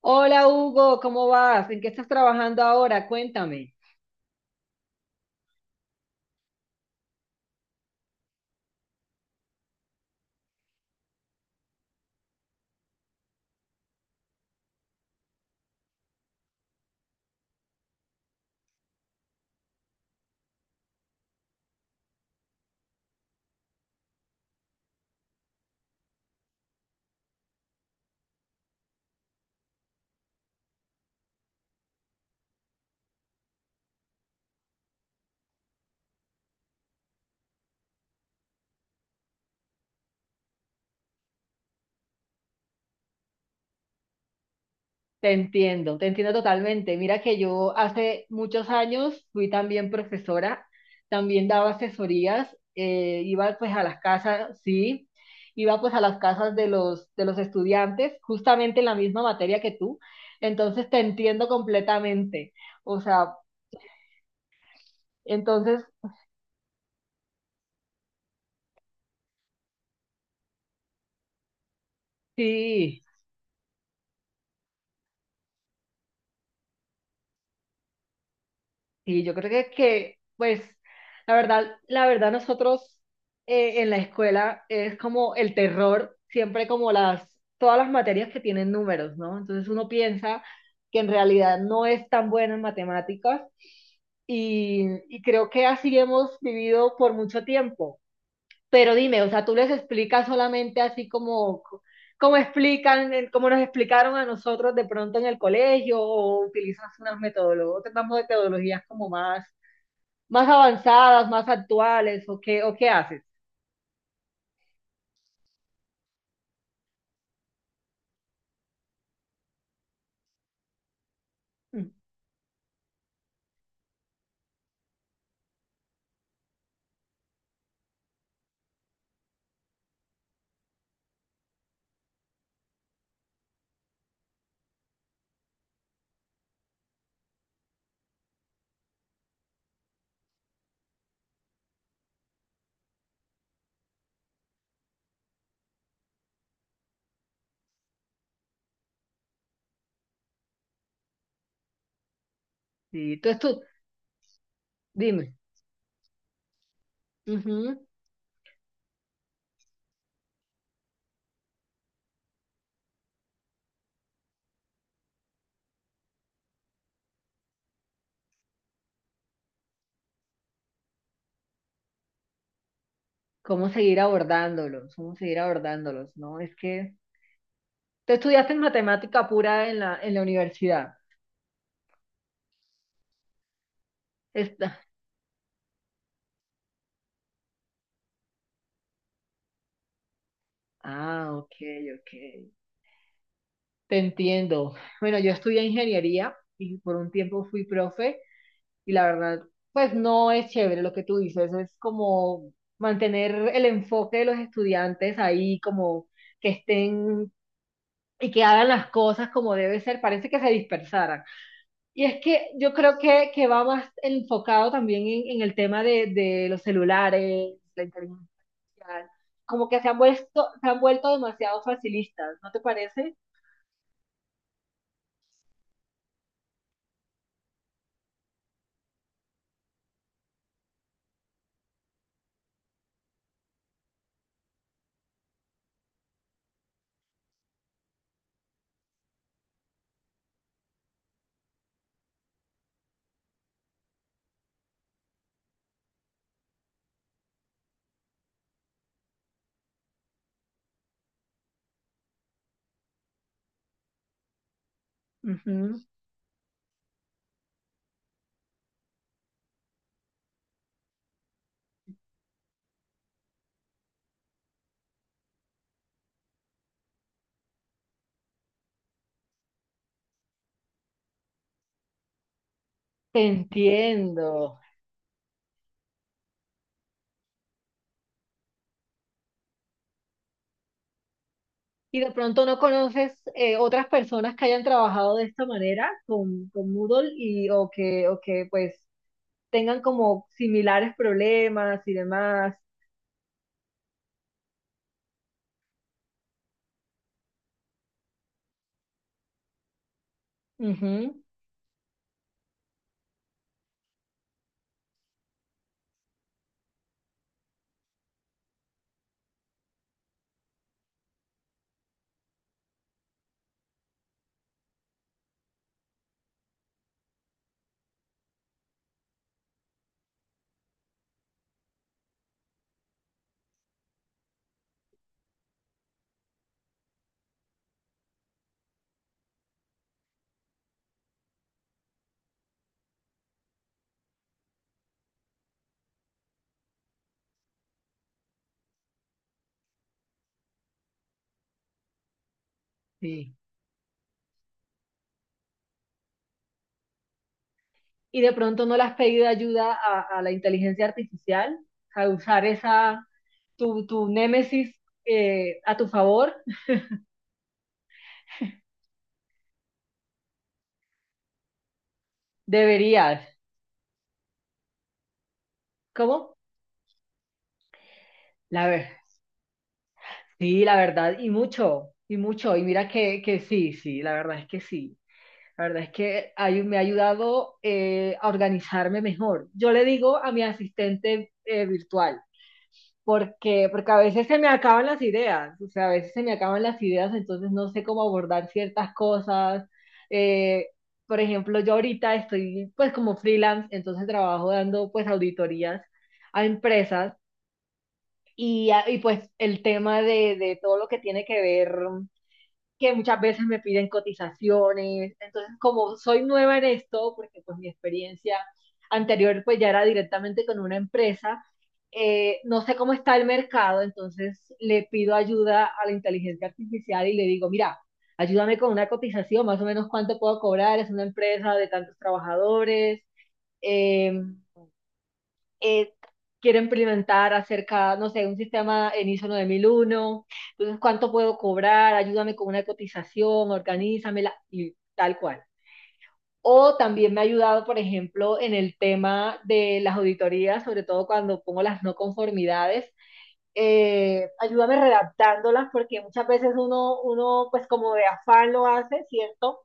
Hola Hugo, ¿cómo vas? ¿En qué estás trabajando ahora? Cuéntame. Te entiendo totalmente. Mira que yo hace muchos años fui también profesora, también daba asesorías, iba pues a las casas, sí, iba pues a las casas de los estudiantes, justamente en la misma materia que tú. Entonces te entiendo completamente. O sea, entonces sí. Sí, yo creo pues, la verdad nosotros en la escuela es como el terror, siempre todas las materias que tienen números, ¿no? Entonces uno piensa que en realidad no es tan bueno en matemáticas y creo que así hemos vivido por mucho tiempo. Pero dime, o sea, tú les explicas solamente así como explican, como nos explicaron a nosotros de pronto en el colegio o utilizas unas metodologías, otras metodologías como más avanzadas, más actuales, o qué haces. Mm. Sí, entonces tú, dime, ujú. ¿Cómo seguir abordándolos? ¿Cómo seguir abordándolos? No, es que tú estudiaste en matemática pura en la universidad. Esta- Ah, ok, ok. Te entiendo. Bueno, yo estudié ingeniería y por un tiempo fui profe y la verdad, pues no es chévere lo que tú dices, es como mantener el enfoque de los estudiantes ahí, como que estén y que hagan las cosas como debe ser, parece que se dispersaran. Y es que yo creo que va más enfocado también en el tema de los celulares, la inteligencia artificial, como que se han vuelto demasiado facilistas, ¿no te parece? Ujú. Te entiendo. Y de pronto no conoces otras personas que hayan trabajado de esta manera con Moodle y o que pues tengan como similares problemas y demás. Ujú. Sí. Y de pronto no le has pedido ayuda a la inteligencia artificial, a usar esa, tu némesis a tu favor, deberías. ¿Cómo? La ver, sí, la verdad, y mucho, y mucho. Y mira que sí, sí, la verdad es que sí. La verdad es que me ha ayudado a organizarme mejor. Yo le digo a mi asistente virtual, porque a veces se me acaban las ideas, o sea, a veces se me acaban las ideas, entonces no sé cómo abordar ciertas cosas. Eh, por ejemplo, yo ahorita estoy pues como freelance, entonces trabajo dando pues auditorías a empresas y pues el tema de todo lo que tiene que ver que muchas veces me piden cotizaciones. Entonces, como soy nueva en esto, porque pues mi experiencia anterior pues ya era directamente con una empresa, no sé cómo está el mercado, entonces le pido ayuda a la inteligencia artificial y le digo, mira, ayúdame con una cotización, más o menos cuánto puedo cobrar, es una empresa de tantos trabajadores, eh, eh, quiero implementar acerca, no sé, un sistema en ISO 9001, entonces cuánto puedo cobrar, ayúdame con una cotización, organízamela y tal cual. O también me ha ayudado, por ejemplo, en el tema de las auditorías, sobre todo cuando pongo las no conformidades, ayúdame redactándolas porque muchas veces uno pues como de afán lo hace, ¿cierto?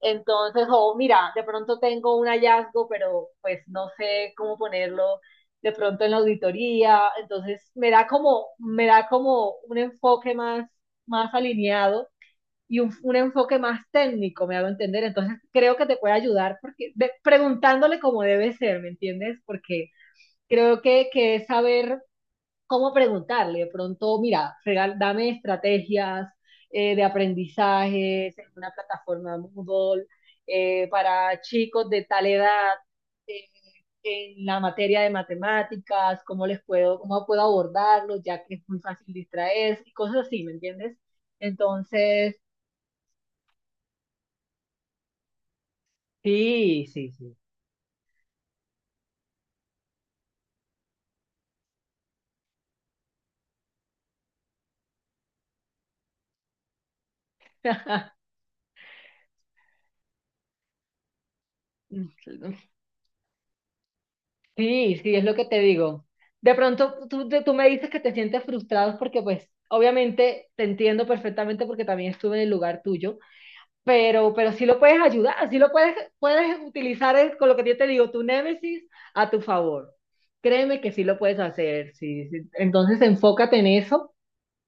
Entonces, oh, mira, de pronto tengo un hallazgo, pero pues no sé cómo ponerlo de pronto en la auditoría, entonces me da como un enfoque más alineado y un enfoque más técnico, me hago entender, entonces creo que te puede ayudar porque preguntándole cómo debe ser, ¿me entiendes? Porque creo que es saber cómo preguntarle. De pronto, mira, dame estrategias de aprendizajes en una plataforma Moodle para chicos de tal edad eh, en la materia de matemáticas, cómo les puedo, cómo puedo abordarlo, ya que es muy fácil distraerse y cosas así, ¿me entiendes? Entonces, sí, sí, sí. Sí, sí, es lo que te digo. De pronto tú me dices que te sientes frustrado porque pues obviamente te entiendo perfectamente porque también estuve en el lugar tuyo, pero sí lo puedes ayudar, puedes utilizar con lo que yo te digo, tu némesis a tu favor. Créeme que sí lo puedes hacer, sí, sí. Entonces enfócate en eso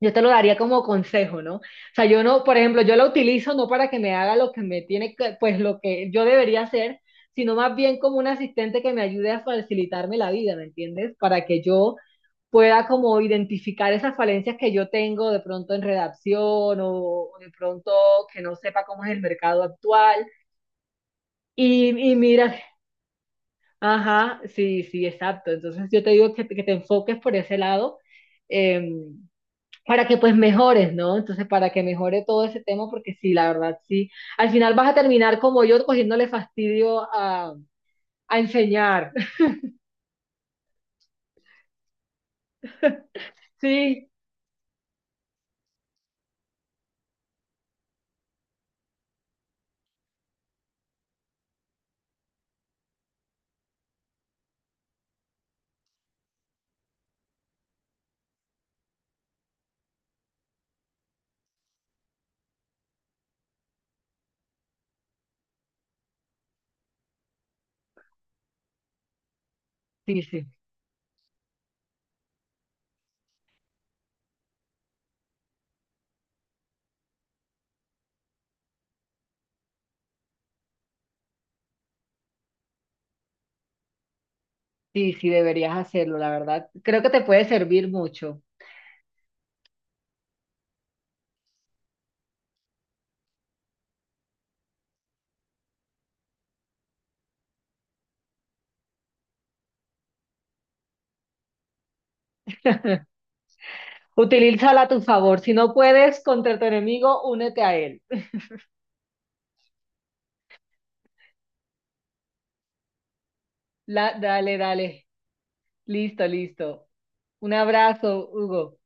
yo te lo daría como consejo, ¿no? O sea, yo no, por ejemplo, yo la utilizo no para que me haga lo que me tiene que, pues lo que yo debería hacer, sino más bien como un asistente que me ayude a facilitarme la vida, ¿me entiendes? Para que yo pueda como identificar esas falencias que yo tengo de pronto en redacción o, de pronto que no sepa cómo es el mercado actual. Y mira, ajá, sí, sí, exacto. Entonces yo te digo que te enfoques por ese lado. em, para que pues mejores, ¿no? Entonces, para que mejore todo ese tema, porque sí, la verdad, sí. Al final vas a terminar como yo, cogiéndole fastidio a enseñar. Sí, sí, sí, sí, sí, deberías hacerlo, la verdad. Creo que te puede servir mucho. Utilízala a tu favor. Si no puedes contra tu enemigo, únete a él. Dale, dale. Listo, listo. Un abrazo, Hugo.